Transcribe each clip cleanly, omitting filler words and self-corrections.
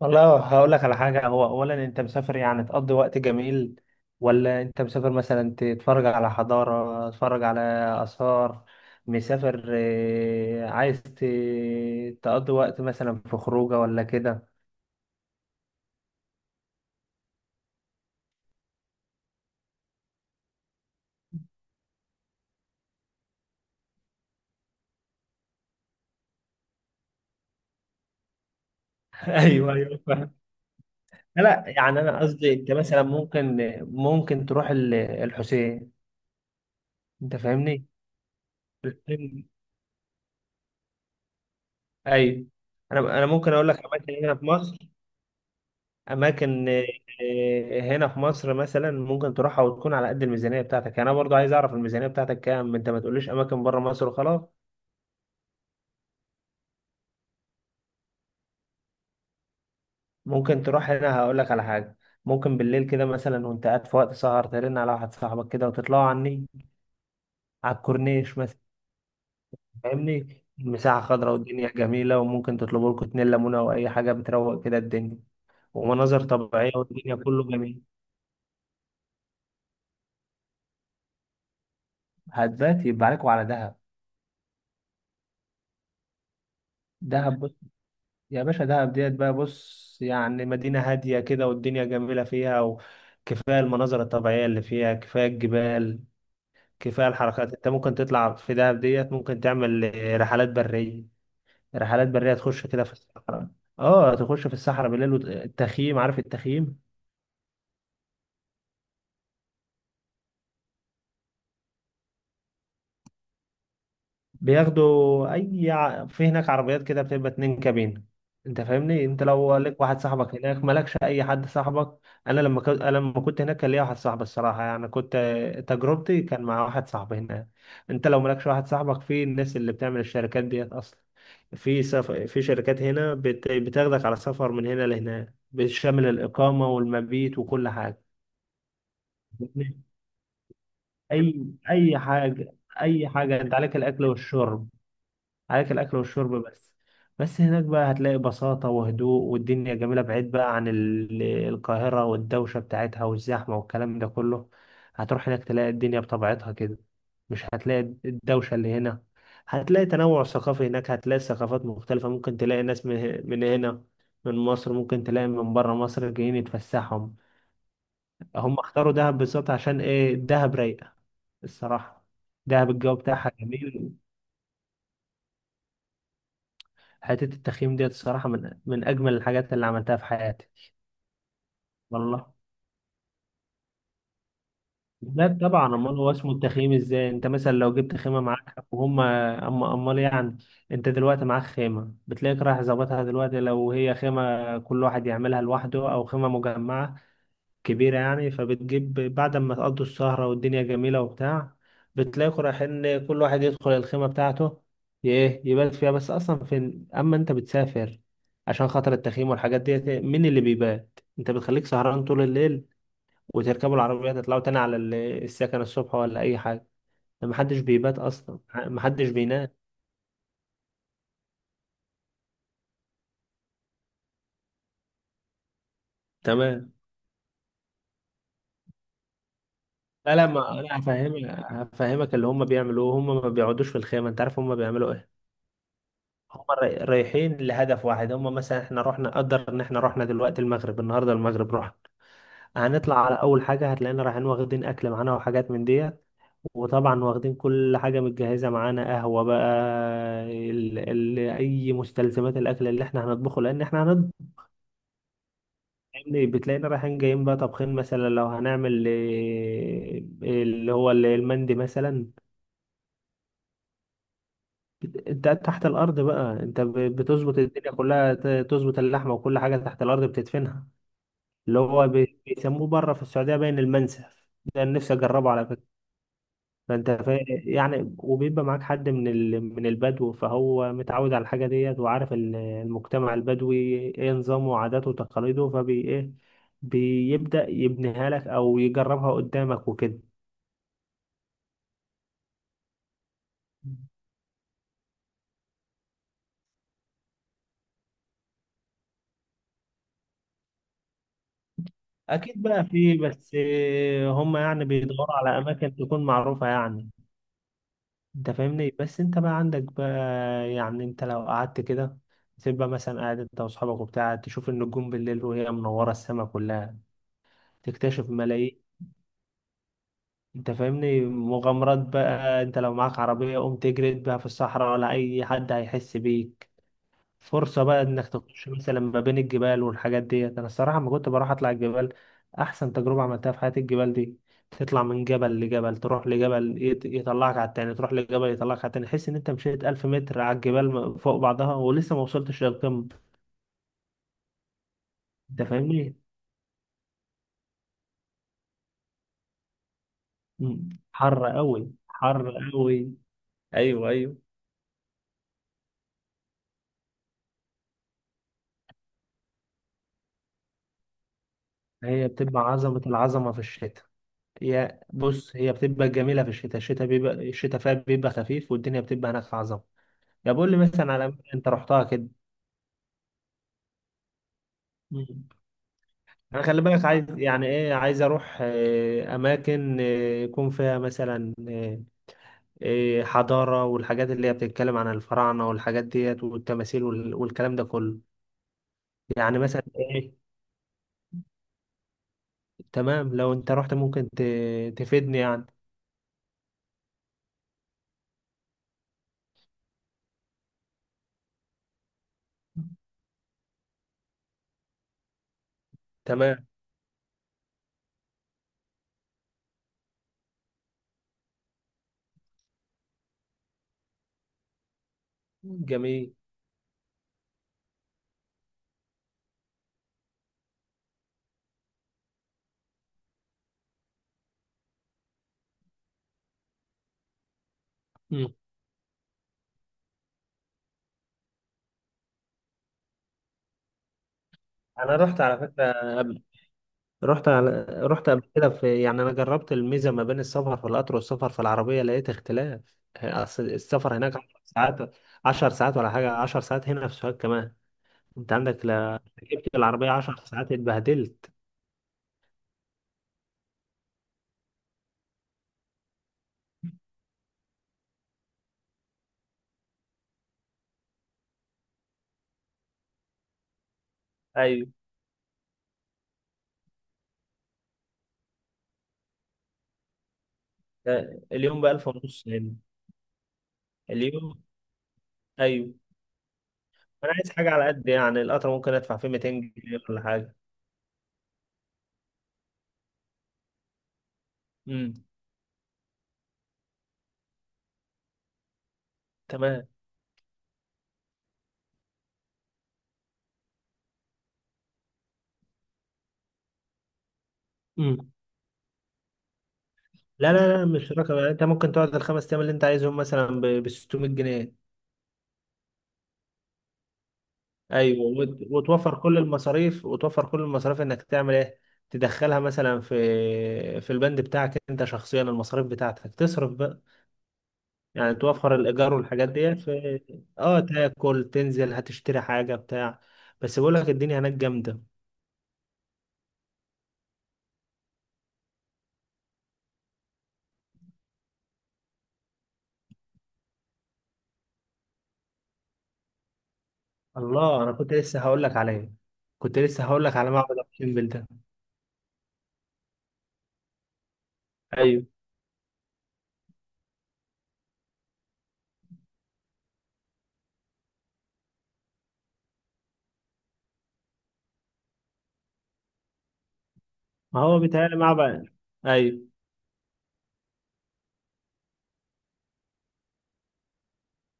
والله هقول لك على حاجة. هو أولا أنت مسافر يعني تقضي وقت جميل، ولا أنت مسافر مثلا تتفرج على حضارة، تتفرج على آثار؟ مسافر عايز تقضي وقت مثلا في خروجة ولا كده؟ ايوه ايوه، فاهم. لا يعني أنا قصدي أنت مثلا ممكن، ممكن تروح الحسين. أنت فاهمني؟ الحسين. أيوه. أنا ممكن أقول لك أماكن هنا في مصر. اماكن، هنا في مصر مثلا ممكن تروحها وتكون على قد الميزانيه بتاعتك. يعني انا برضو عايز اعرف الميزانيه بتاعتك كام. انت ما تقوليش اماكن بره مصر وخلاص. ممكن تروح هنا، هقول لك على حاجه. ممكن بالليل كده مثلا وانت قاعد في وقت سهر ترن على واحد صاحبك كده وتطلعوا على النيل، على الكورنيش مثلا. فاهمني؟ المساحه خضراء والدنيا جميله، وممكن تطلبوا لكم اتنين ليمونه او اي حاجه، بتروق كده الدنيا. ومناظر طبيعيه والدنيا كله جميل. هتبات يبقى عليكم على دهب. دهب. يا باشا دهب ديت بقى، بص يعني مدينة هادية كده والدنيا جميلة فيها، وكفاية المناظر الطبيعية اللي فيها، كفاية الجبال، كفاية الحركات. انت ممكن تطلع في دهب ديت ممكن تعمل رحلات برية. رحلات برية تخش كده في الصحراء. اه تخش في الصحرا بالليل، والتخييم، عارف التخييم. بياخدوا في هناك عربيات كده بتبقى اتنين كابين. انت فاهمني؟ انت لو لك واحد صاحبك هناك، مالكش اي حد صاحبك. انا لما كنت هناك كان ليا واحد صاحبي، الصراحه يعني كنت، تجربتي كان مع واحد صاحبي هناك. انت لو مالكش واحد صاحبك، في الناس اللي بتعمل الشركات ديت اصلا. في شركات هنا بتاخدك على سفر من هنا لهناك، بتشمل الاقامه والمبيت وكل حاجه. اي حاجه. اي حاجه، انت عليك الاكل والشرب، عليك الاكل والشرب بس. بس هناك بقى هتلاقي بساطة وهدوء والدنيا جميلة، بعيد بقى عن القاهرة والدوشة بتاعتها والزحمة والكلام ده كله. هتروح هناك تلاقي الدنيا بطبيعتها كده، مش هتلاقي الدوشة اللي هنا. هتلاقي تنوع ثقافي هناك، هتلاقي ثقافات مختلفة، ممكن تلاقي ناس من هنا، من مصر، ممكن تلاقي من بره مصر جايين يتفسحهم. هم اختاروا دهب بالظبط عشان ايه؟ دهب رايقة الصراحة، دهب الجو بتاعها جميل. حته التخييم ديت الصراحه من اجمل الحاجات اللي عملتها في حياتي. والله لا طبعا، امال هو اسمه التخييم ازاي. انت مثلا لو جبت خيمه معاك، وهم اما امال يعني. انت دلوقتي معاك خيمه، بتلاقيك رايح ظابطها دلوقتي، لو هي خيمه كل واحد يعملها لوحده، او خيمه مجمعه كبيرة يعني. فبتجيب بعد ما تقضوا السهرة والدنيا جميلة وبتاع، بتلاقوا رايحين كل واحد يدخل الخيمة بتاعته. ايه يبات فيها؟ بس أصلا فين أما أنت بتسافر عشان خاطر التخييم والحاجات ديت، مين اللي بيبات؟ أنت بتخليك سهران طول الليل، وتركبوا العربية تطلعوا تاني على السكن الصبح ولا أي حاجة. ده محدش بيبات أصلا، محدش بينام. تمام. لا لا، ما أنا هفهمك. هفهمك اللي هم بيعملوه. هم ما بيقعدوش في الخيمة. أنت عارف هم بيعملوا إيه؟ هم رايحين لهدف واحد. هم مثلا احنا رحنا، قدر ان احنا رحنا دلوقتي المغرب، النهارده المغرب رحنا، هنطلع على اول حاجه هتلاقينا رايحين واخدين اكل معانا وحاجات من ديت. وطبعا واخدين كل حاجه متجهزه معانا، قهوه بقى، ال اي مستلزمات الاكل اللي احنا هنطبخه، لان احنا هنطبخ. يعني بتلاقينا رايحين جايين بقى طبخين مثلا، لو هنعمل إيه، اللي هو المندي مثلا. انت تحت الارض بقى، انت بتظبط الدنيا كلها، تظبط اللحمه وكل حاجه تحت الارض بتدفنها. اللي هو بيسموه بره في السعودية باين المنسف. ده أنا نفسي أجربه على فكرة. يعني وبيبقى معاك حد من البدو، فهو متعود على الحاجة ديت، وعارف المجتمع البدوي إيه نظامه وعاداته وتقاليده، فبي إيه، بيبدأ يبنيها لك أو يجربها قدامك وكده. أكيد بقى في، بس هم يعني بيدوروا على أماكن تكون معروفة يعني. انت فاهمني؟ بس انت بقى عندك بقى، يعني انت لو قعدت كده، تبقى مثلا قاعد انت واصحابك وبتاع، تشوف النجوم بالليل وهي منورة السما كلها، تكتشف ملايين. انت فاهمني؟ مغامرات بقى، انت لو معاك عربية قوم تجري بيها في الصحراء ولا اي حد هيحس بيك. فرصة بقى انك تخش مثلا ما بين الجبال والحاجات ديت. انا الصراحة ما كنت بروح اطلع الجبال، احسن تجربة عملتها في حياتي الجبال دي. تطلع من جبل لجبل، تروح لجبل يطلعك على التاني، تروح لجبل يطلعك على التاني، تحس ان انت مشيت ألف متر على الجبال فوق بعضها ولسه ما وصلتش للقمة. انت فاهمني؟ مم. حر قوي. حر قوي. ايوه ايوه. هي بتبقى عظمة، العظمة في الشتاء. يا بص هي بتبقى جميلة في الشتاء، الشتاء بيبقى، الشتاء فيها بيبقى خفيف، والدنيا بتبقى هناك عظمة. طب قول لي مثلا على اماكن انت رحتها كده. مم. انا خلي بالك، عايز يعني ايه؟ عايز اروح اماكن، يكون فيها مثلا حضاره والحاجات اللي هي بتتكلم عن الفراعنه والحاجات ديت والتماثيل والكلام ده كله. يعني مثلا ايه؟ تمام، لو انت رحت ممكن تفيدني يعني. تمام. جميل. مم. انا رحت على فكره قبل. رحت قبل كده في، يعني انا جربت الميزه ما بين السفر في القطر والسفر في العربيه، لقيت اختلاف. اصل السفر هناك 10 ساعات، 10 ساعات ولا حاجه، 10 ساعات. هنا في سوهاج كمان انت عندك ركبت العربيه 10 ساعات، اتبهدلت. ايوه. اليوم ب 1000 ونص هنا، اليوم. ايوه. انا عايز حاجه على قد يعني. القطر ممكن ادفع فيه 200 جنيه ولا حاجه. امم. تمام. امم. لا لا لا، مش رقم. يعني انت ممكن تقعد الخمس ايام اللي انت عايزهم مثلا ب 600 جنيه. ايوه، وتوفر كل المصاريف، وتوفر كل المصاريف انك تعمل ايه، تدخلها مثلا في، في البند بتاعك انت شخصيا، المصاريف بتاعتك تصرف بقى. يعني توفر الايجار والحاجات ديت في، اه. تاكل، تنزل هتشتري حاجه بتاع بس بقول لك الدنيا هناك جامده. الله، انا كنت لسه هقول لك عليه، كنت لسه هقول لك على معبد ابو سمبل ده. ايوه، ما هو بيتهيألي معبد. ايوه.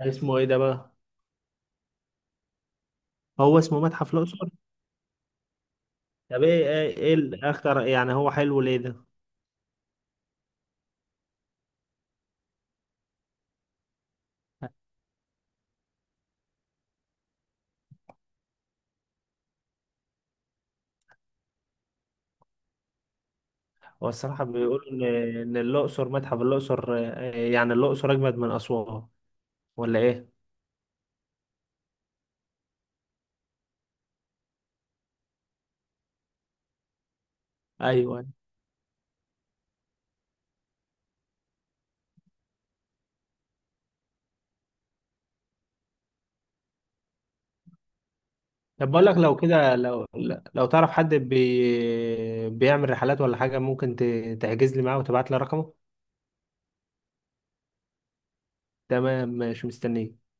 اسمه ايه ده بقى؟ هو اسمه متحف الاقصر. طب ايه ايه، إيه الاخطر يعني، هو حلو ليه ده؟ هو الصراحة بيقولوا إن الأقصر، متحف الأقصر، يعني الأقصر أجمد من أسوان، ولا إيه؟ أيوه. طب بقول لك لو كده، لو لو تعرف حد بي بيعمل رحلات ولا حاجة، ممكن تحجز لي معاه وتبعت لي رقمه؟ تمام، ماشي، مستنيك.